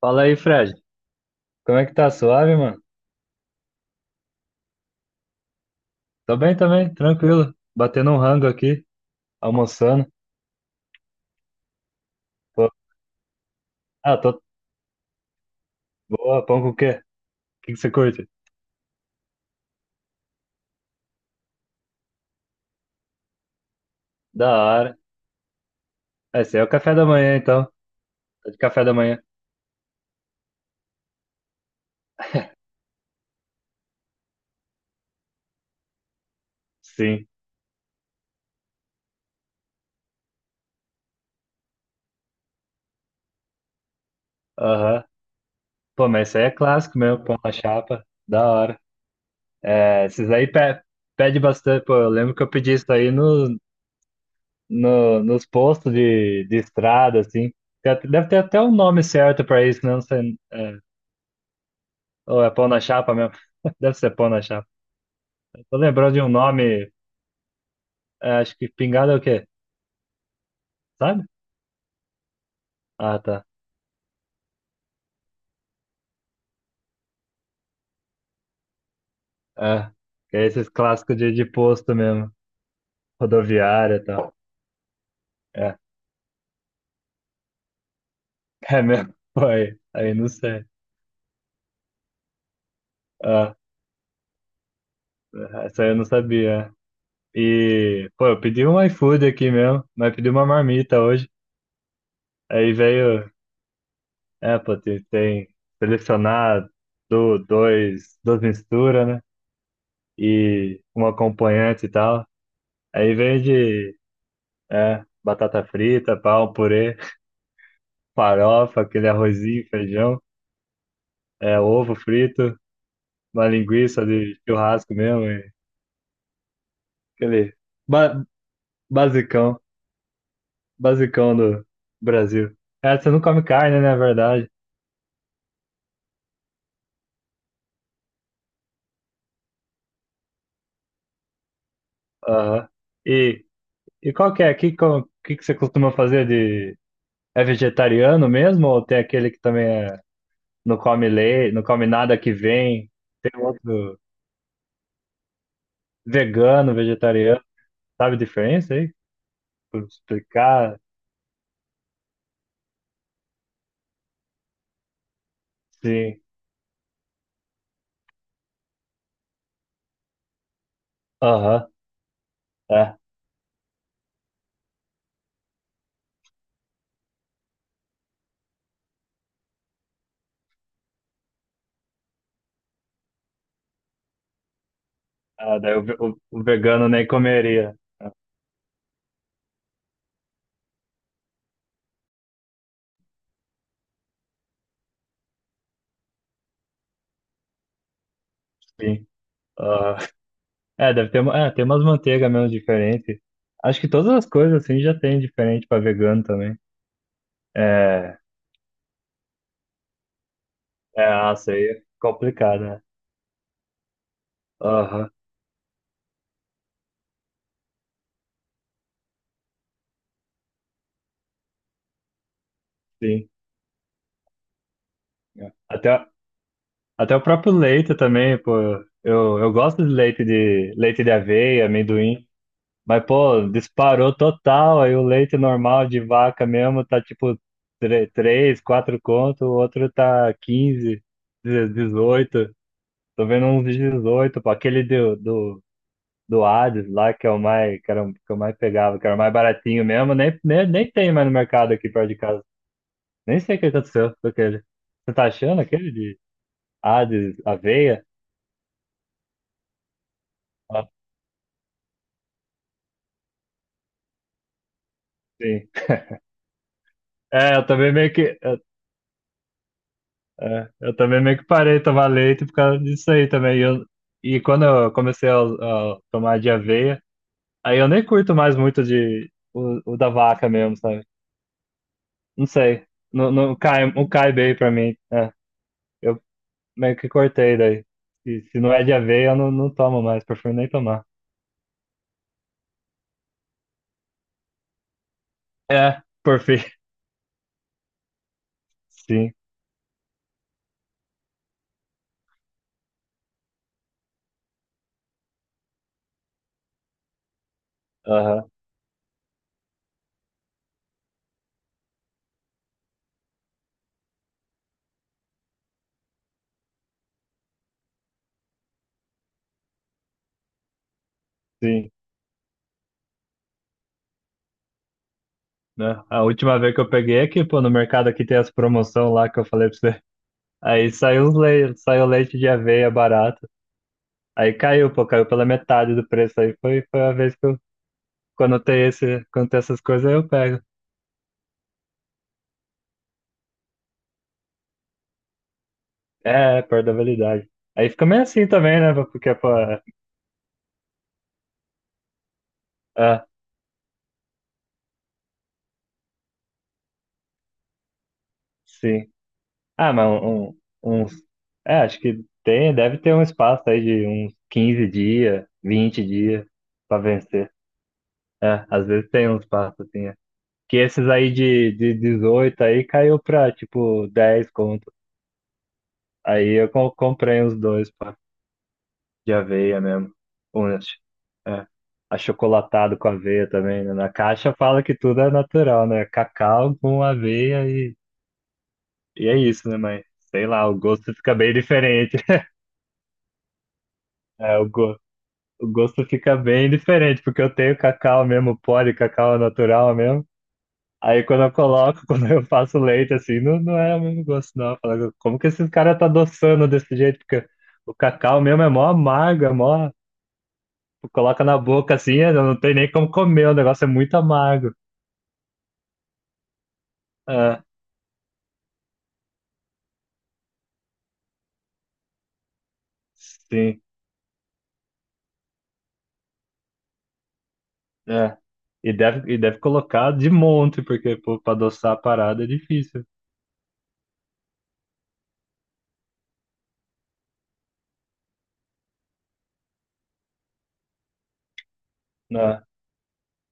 Fala aí, Fred. Como é que tá? Suave, mano? Tô bem também, tranquilo. Batendo um rango aqui, almoçando. Pô, ah, tô boa. Pão com o quê? O que que você curte? Da hora. Ah, esse aí é o café da manhã, então. Tá de café da manhã. Sim. Aham. Pô, mas isso aí é clássico mesmo, pão na chapa. Da hora. É, esses aí pede bastante. Pô, eu lembro que eu pedi isso aí no, no, nos postos de estrada, assim. Deve ter até um nome certo pra isso, né? Não sei, é, ou é pão na chapa mesmo? Deve ser pão na chapa. Tô lembrando de um nome, é, acho que pingado é o quê? Sabe? Ah, tá. É, que é esses clássicos de posto mesmo, rodoviária e tal. É, é mesmo, foi. Aí não sei. Ah, essa aí eu não sabia. E, pô, eu pedi um iFood aqui mesmo, mas pedi uma marmita hoje. Aí veio, é, pô, tem selecionar do, dois, duas misturas, né? E um acompanhante e tal. Aí veio de, é, batata frita, pau, purê, farofa, aquele arrozinho, feijão, é, ovo frito, uma linguiça de churrasco mesmo, e aquele ba basicão, basicão do Brasil. É, você não come carne, né, é verdade. Aham. E, e qual que é? Que você costuma fazer de... É vegetariano mesmo ou tem aquele que também é, não come leite, não come nada que vem? Tem outro vegano, vegetariano, sabe a diferença aí? Por explicar, sim. Aham. É. Ah, daí o vegano nem comeria. Sim. Ah, é, deve ter, tem umas manteigas mesmo diferentes. Acho que todas as coisas assim já tem diferente para vegano também. É, é, isso aí é complicado, né? Aham, sim. É. Até o próprio leite também, pô. Eu gosto de leite de aveia, amendoim. Mas, pô, disparou total. Aí o leite normal de vaca mesmo tá tipo 3 4 conto, o outro tá 15 dezoito. Tô vendo uns de 18, pô. Aquele do, do Hades lá, que é o mais, que era, que eu mais pegava, que era o mais baratinho mesmo. Nem tem mais no mercado aqui perto de casa. Nem sei o que aconteceu com aquele. Você tá achando aquele de Hades, aveia? Ah, sim. É, eu também meio que. É, eu também meio que parei de tomar leite por causa disso aí também. E quando eu comecei a tomar de aveia, aí eu nem curto mais muito de o da vaca mesmo, sabe? Não sei. Não, não cai, não cai bem pra mim. É, eu meio que cortei daí. E se não é de aveia, eu não tomo mais, prefiro nem tomar. É, por fim. Sim, aham, sim. Né? A última vez que eu peguei é que, pô, no mercado aqui tem as promoções lá que eu falei pra você. Aí saiu os leite, saiu leite de aveia barato. Aí caiu, pô, caiu pela metade do preço. Aí foi a vez que eu, quando tem esse, quando tem essas coisas, aí eu pego. É, é, perto da validade. Aí fica meio assim também, né? Porque, pô, é, é, sim. Ah, mas um, uns- acho que tem, deve ter um espaço aí de uns 15 dias, 20 dias pra vencer. É, às vezes tem um espaço assim, é. Que esses aí de 18 aí caiu pra, tipo, 10 conto. Aí eu comprei os dois. De aveia mesmo. Unas. É. Achocolatado com aveia também, né? Na caixa fala que tudo é natural, né? Cacau com aveia e é isso, né? Mas sei lá, o gosto fica bem diferente. É, o gosto fica bem diferente, porque eu tenho cacau mesmo, pó de cacau natural mesmo. Aí quando eu coloco, quando eu faço leite, assim, não, não é o mesmo gosto, não. Eu falo, como que esses caras tá adoçando desse jeito? Porque o cacau mesmo é mó amargo, é mó. Coloca na boca assim, é, não tem nem como comer, o negócio é muito amargo. É, sim, é. E deve colocar de monte, porque pô, pra adoçar a parada é difícil. Né?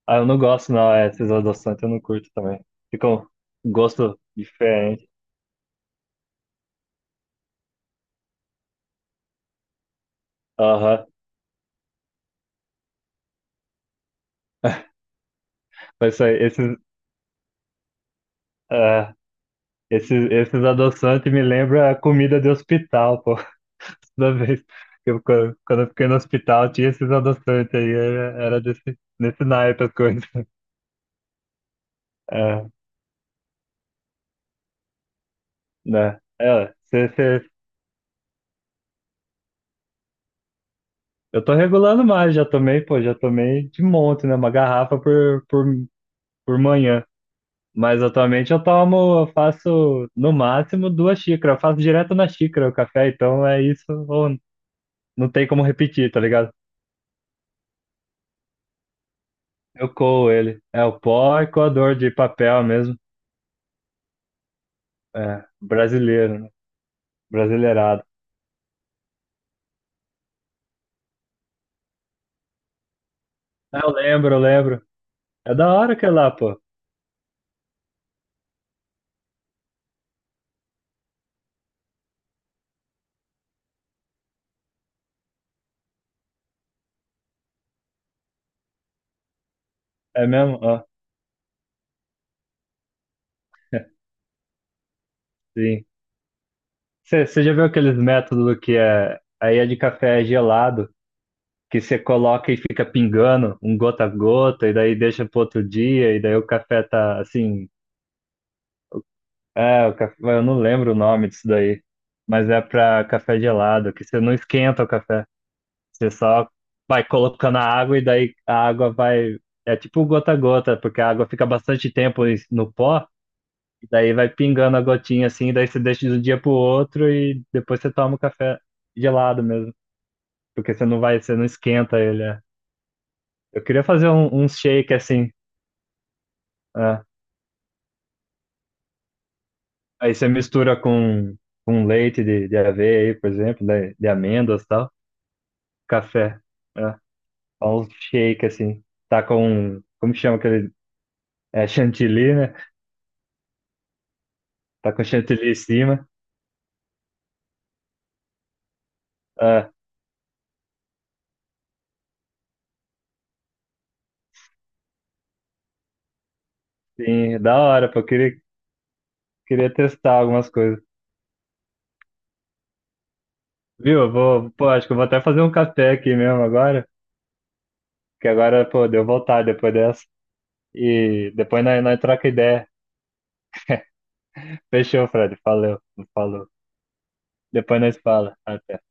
Ah, eu não gosto, não, é, esses adoçantes eu não curto também. Ficam um gosto diferente. Aham. Mas isso aí, é, esses adoçantes me lembram a comida de hospital, pô. Toda vez que eu, quando quando eu fiquei no hospital, tinha esses adoçantes aí, era desse, nesse naipe as coisas. É. Né? É, eu tô regulando mais, já tomei, pô, já tomei de monte, né? Uma garrafa por manhã. Mas atualmente eu tomo, eu faço no máximo 2 xícaras. Eu faço direto na xícara o café, então é isso, ou não tem como repetir, tá ligado? Eu coo ele. É o pó e coador de papel mesmo. É, brasileiro, né? Brasileirado. Ah, eu lembro, eu lembro. É da hora que é lá, pô. É mesmo? Ó, sim. Você já viu aqueles métodos que é, aí é de café gelado, que você coloca e fica pingando um gota a gota, e daí deixa pro outro dia, e daí o café tá assim. É, o café, eu não lembro o nome disso daí, mas é pra café gelado, que você não esquenta o café, você só vai colocando a água e daí a água vai. É tipo gota a gota, porque a água fica bastante tempo no pó, e daí vai pingando a gotinha assim, e daí você deixa de um dia pro outro e depois você toma o café gelado mesmo. Porque você não vai, você não esquenta ele. É. Eu queria fazer um shake assim. É. Aí você mistura com leite de aveia aí, por exemplo, de amêndoas e tal. Café. É. Faz um shake assim. Tá com, como chama aquele? É chantilly, né? Tá com chantilly em cima. É. Sim, da hora, pô. Eu queria testar algumas coisas. Viu? Eu vou, pô, acho que eu vou até fazer um café aqui mesmo agora. Que agora, pô, deu vontade depois dessa. E depois nós troca ideia. Fechou, Fred. Falou. Falou. Depois nós fala. Até.